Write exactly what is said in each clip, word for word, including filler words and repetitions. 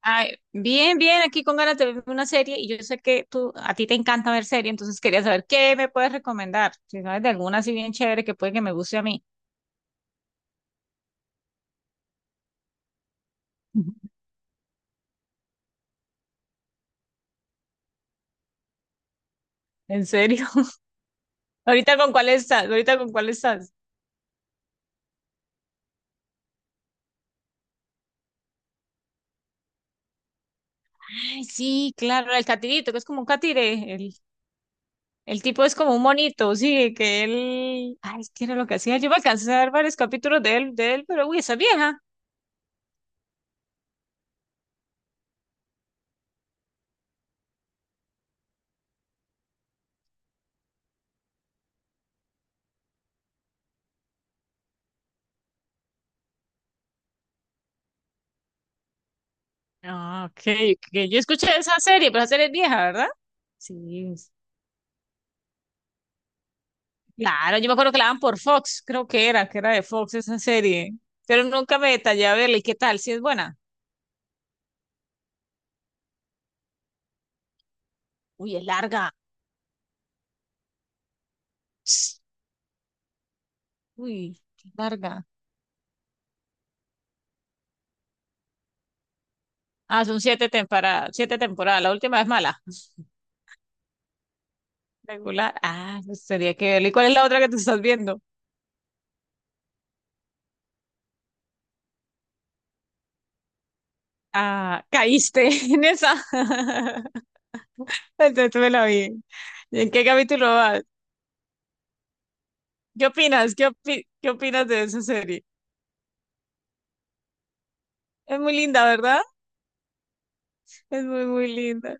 Ay, bien, bien, aquí con ganas de ver una serie y yo sé que tú, a ti te encanta ver serie, entonces quería saber qué me puedes recomendar, si sabes de alguna así bien chévere que puede que me guste a mí. ¿En serio? ¿Ahorita con cuál estás? ¿Ahorita con cuál estás? Ay, sí, claro, el catirito, que es como un catire, el, el tipo es como un monito, sí, que él, ay, ¿qué era lo que hacía? Yo me alcancé a ver varios capítulos de él, de él, pero uy, esa es vieja. Ah, ok, ok, yo escuché esa serie, pero esa serie es vieja, ¿verdad? Sí. Claro, yo me acuerdo que la daban por Fox, creo que era, que era de Fox esa serie. Pero nunca me detallé a verla. ¿Y qué tal? ¿Si es buena? Uy, es larga. Uy, qué larga. Ah, son siete temporadas, siete temporadas. La última es mala. Regular. Ah, pues tenía que verla. ¿Y cuál es la otra que tú estás viendo? Ah, caíste en esa. Entonces tú me la vi. ¿Y en qué capítulo vas? ¿Qué opinas? ¿Qué opi- ¿qué opinas de esa serie? Es muy linda, ¿verdad? Es muy, muy linda.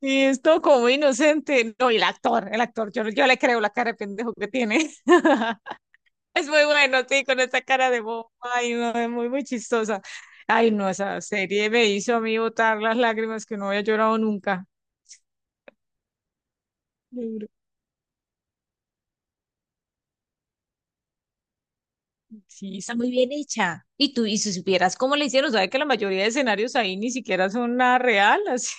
Y es todo como inocente. No, y el actor, el actor, yo, yo le creo la cara de pendejo que tiene. Es muy bueno, sí, con esta cara de bobo. Ay, no, es muy, muy chistosa. Ay, no, esa serie me hizo a mí botar las lágrimas que no había llorado nunca. Yo Sí, está muy bien hecha. Y tú, y si supieras cómo le hicieron, sabes que la mayoría de escenarios ahí ni siquiera son nada real. Así,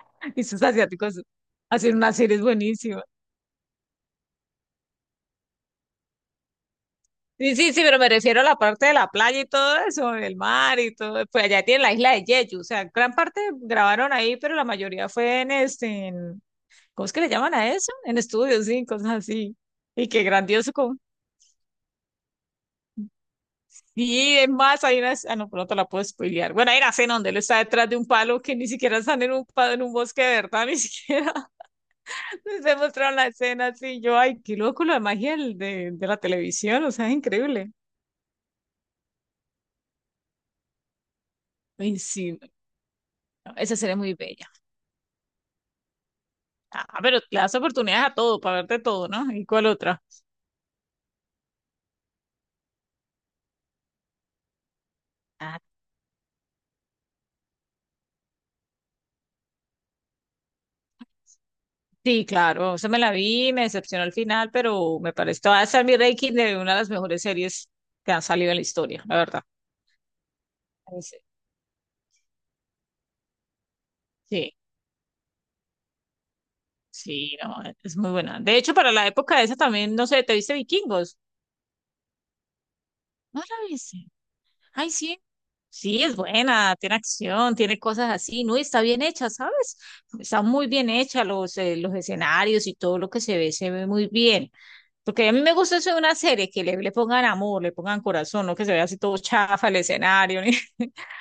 esos asiáticos hacen unas series buenísimas. Sí, sí, sí, pero me refiero a la parte de la playa y todo eso, el mar y todo. Pues allá tiene la isla de Jeju, o sea, gran parte grabaron ahí, pero la mayoría fue en este, en, ¿cómo es que le llaman a eso? En estudios, sí, cosas así. Y qué grandioso. Como... Sí, es más, hay una, ah, no, pronto la puedo spoilear. Bueno, hay una escena donde él está detrás de un palo, que ni siquiera están en un palo, en un bosque de verdad, ni siquiera se mostraron la escena así. Yo, ay, qué loco la magia del- de, de la televisión, o sea, es increíble. Ay, sí, no, esa serie es muy bella. Ah, pero le das oportunidades a todo, para verte todo, ¿no? ¿Y cuál otra? Ah, sí, claro, eso me la vi, me decepcionó al final, pero me parece que va a ser mi ranking de una de las mejores series que han salido en la historia, la verdad. Ese- Sí, sí, no, es muy buena. De hecho, para la época esa también, no sé, ¿te viste Vikingos? No la viste. Ay, sí. Sí, es buena, tiene acción, tiene cosas así, ¿no? Y está bien hecha, ¿sabes? Está muy bien hecha, los, eh, los escenarios y todo lo que se ve, se ve muy bien. Porque a mí me gusta eso de una serie, que le, le pongan amor, le pongan corazón, no que se vea así todo chafa el escenario.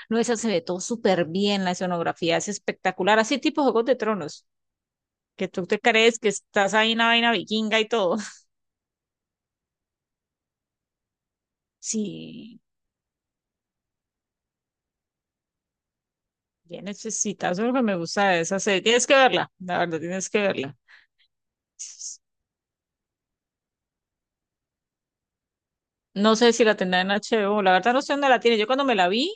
No, esa se ve todo súper bien, la escenografía es espectacular, así tipo Juegos de Tronos, que tú te crees que estás ahí en una vaina vikinga y todo. Sí, bien necesitas, eso es lo que me gusta de esa serie. Tienes que verla, la verdad, tienes que verla. No sé si la tendrá en H B O, la verdad no sé dónde la tiene. Yo cuando me la vi,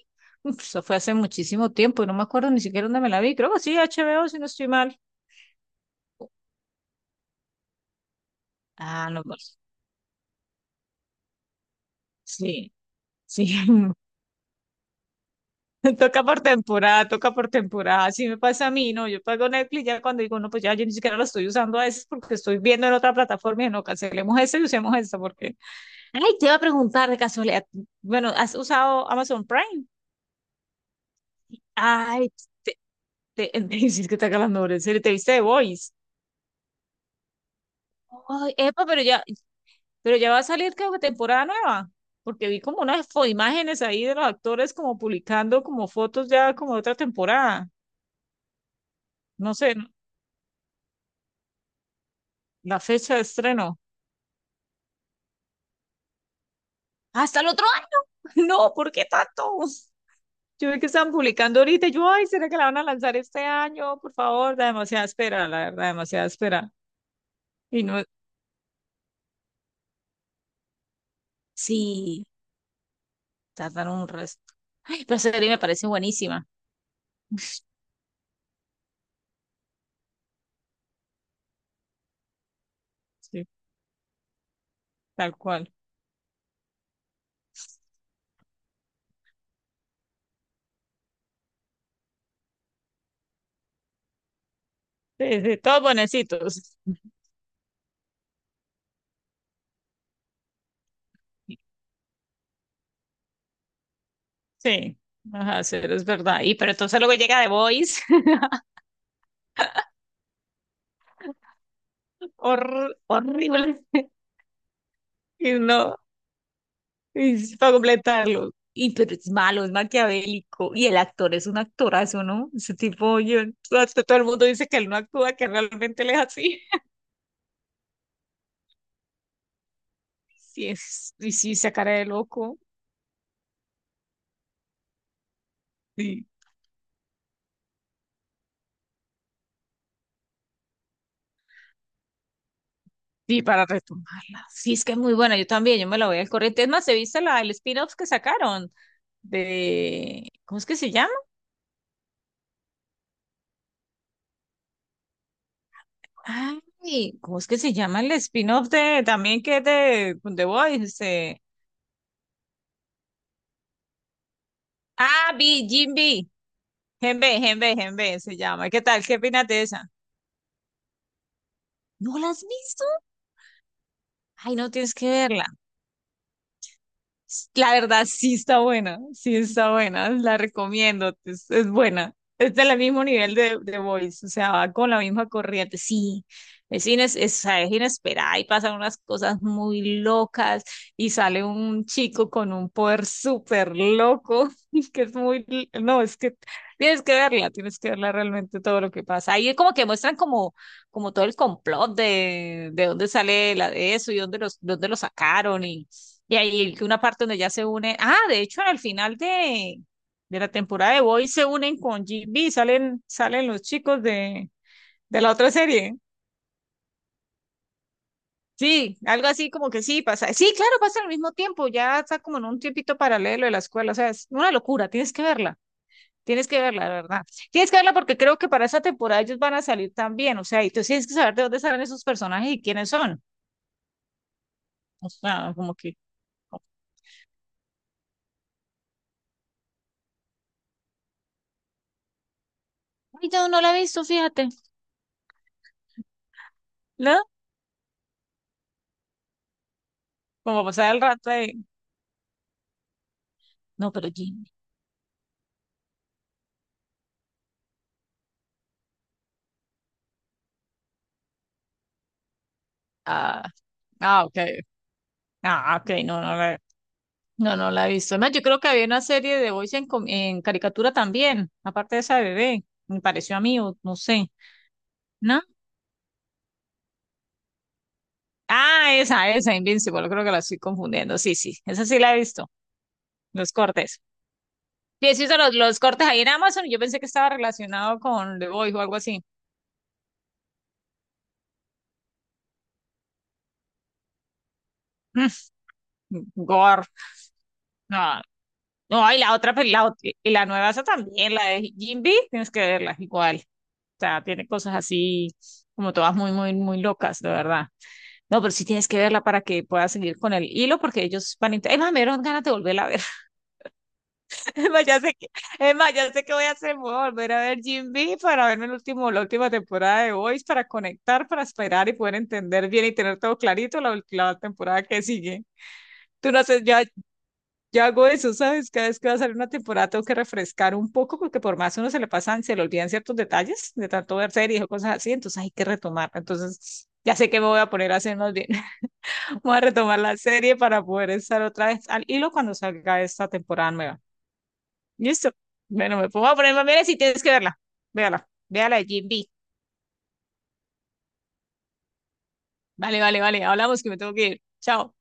uf, eso fue hace muchísimo tiempo y no me acuerdo ni siquiera dónde me la vi. Creo que sí, H B O, si no estoy mal. Ah, no. No. Sí, sí. Toca por temporada, toca por temporada. Así me pasa a mí, ¿no? Yo pago Netflix ya cuando digo, no, pues ya yo ni siquiera lo estoy usando a veces porque estoy viendo en otra plataforma y no, cancelemos eso y usemos esta porque... Ay, te iba a preguntar de casualidad. Bueno, ¿has usado Amazon Prime? Ay, te, te, me dices que te haga las mejores series. ¿Te viste The Voice? Ay, epa, pero ya, pero ya va a salir creo que temporada nueva. Porque vi como unas fo- imágenes ahí de los actores como publicando como fotos ya como de otra temporada. No sé, la fecha de estreno. Hasta el otro año. No, ¿por qué tanto? Yo vi que estaban publicando ahorita. Y yo, ay, ¿será que la van a lanzar este año? Por favor, da demasiada espera, la verdad, demasiada espera. Y no, sí, tardaron un resto. Ay, pero esa serie me parece buenísima. Sí, tal cual. Sí, sí, todos bonecitos. Sí, ajá, sí, es verdad. Y pero entonces luego llega The Voice, hor- horrible. Y no, y para completarlo. Y pero es malo, es maquiavélico. Y el actor es un actorazo, ¿no? Ese tipo, yo, hasta todo el mundo dice que él no actúa, que realmente él es así. Sí, es, y sí, esa cara de loco. Sí. Sí, para retomarla. Sí, es que es muy buena. Yo también, yo me la voy al corriente. Es más, he visto la, el spin-off que sacaron de. ¿Cómo es que se llama? Ay, ¿cómo es que se llama el spin-off de también que es de The Voice? Este... Ah, B, Jim B. Genbe, Genbe, Genbe se llama. ¿Qué tal? ¿Qué opinas de esa? ¿No la has visto? Ay, no, tienes que verla. S- La verdad, sí está buena, sí está buena, la recomiendo, es, es buena. Es del mismo nivel de, de Voice, o sea, va con la misma corriente, sí. Es, ines, es, es inesperada y pasan unas cosas muy locas y sale un chico con un poder súper loco, que es muy, no, es que tienes que verla, tienes que verla realmente todo lo que pasa. Ahí como que muestran como, como todo el complot de, de dónde sale la, eso y dónde los, dónde lo sacaron y y ahí una parte donde ya se une. Ah, de hecho, al final de, de la temporada de Boy se unen con G B, salen, salen los chicos de, de la otra serie. Sí, algo así como que sí pasa. Sí, claro, pasa al mismo tiempo, ya está como en un tiempito paralelo de la escuela. O sea, es una locura, tienes que verla. Tienes que verla, de verdad. Tienes que verla porque creo que para esa temporada ellos van a salir también. O sea, y tú tienes que saber de dónde salen esos personajes y quiénes son. O sea, como que. Ay, yo no la he visto, fíjate. ¿No? Como pasar el rato de. No, pero Jim. Ah, ah, ok. Ah, ok, no, no la, no, no la he visto. Además, yo creo que había una serie de Voice en, com- en caricatura también, aparte de esa de bebé, me pareció a mí, o no sé, ¿no? Ah, esa, esa, Invincible, creo que la estoy confundiendo. Sí, sí, esa sí la he visto, los cortes. Sí, he visto los, los cortes ahí en Amazon, y yo pensé que estaba relacionado con The Voice o algo así. Mm, Gore, no, no, y la otra, pues, la, ot- y la nueva esa también, la de Jim, tienes que verla, igual. Sea, tiene cosas así como todas muy, muy, muy locas, de verdad. No, pero sí tienes que verla para que puedas seguir con el hilo, porque ellos van a... int- Es más, me dieron ganas de volverla a ver. Es más, ya sé que, es más, ya sé que voy a hacer, voy a volver a ver Jim B para verme el último, la última temporada de Voice, para conectar, para esperar y poder entender bien y tener todo clarito la, ul- la temporada que sigue. Tú no haces, ya, yo hago eso, ¿sabes? Cada vez que va a salir una temporada tengo que refrescar un poco porque por más uno se le pasan, se le olvidan ciertos detalles de tanto ver series o cosas así, entonces hay que retomar. Entonces ya sé que me voy a poner a hacer más bien. Voy a retomar la serie para poder estar otra vez al hilo cuando salga esta temporada nueva. ¿Listo? Bueno, me pongo a poner más bien si tienes que verla. Véala, véala de Jim B. Vale, vale, vale. Hablamos que me tengo que ir. Chao.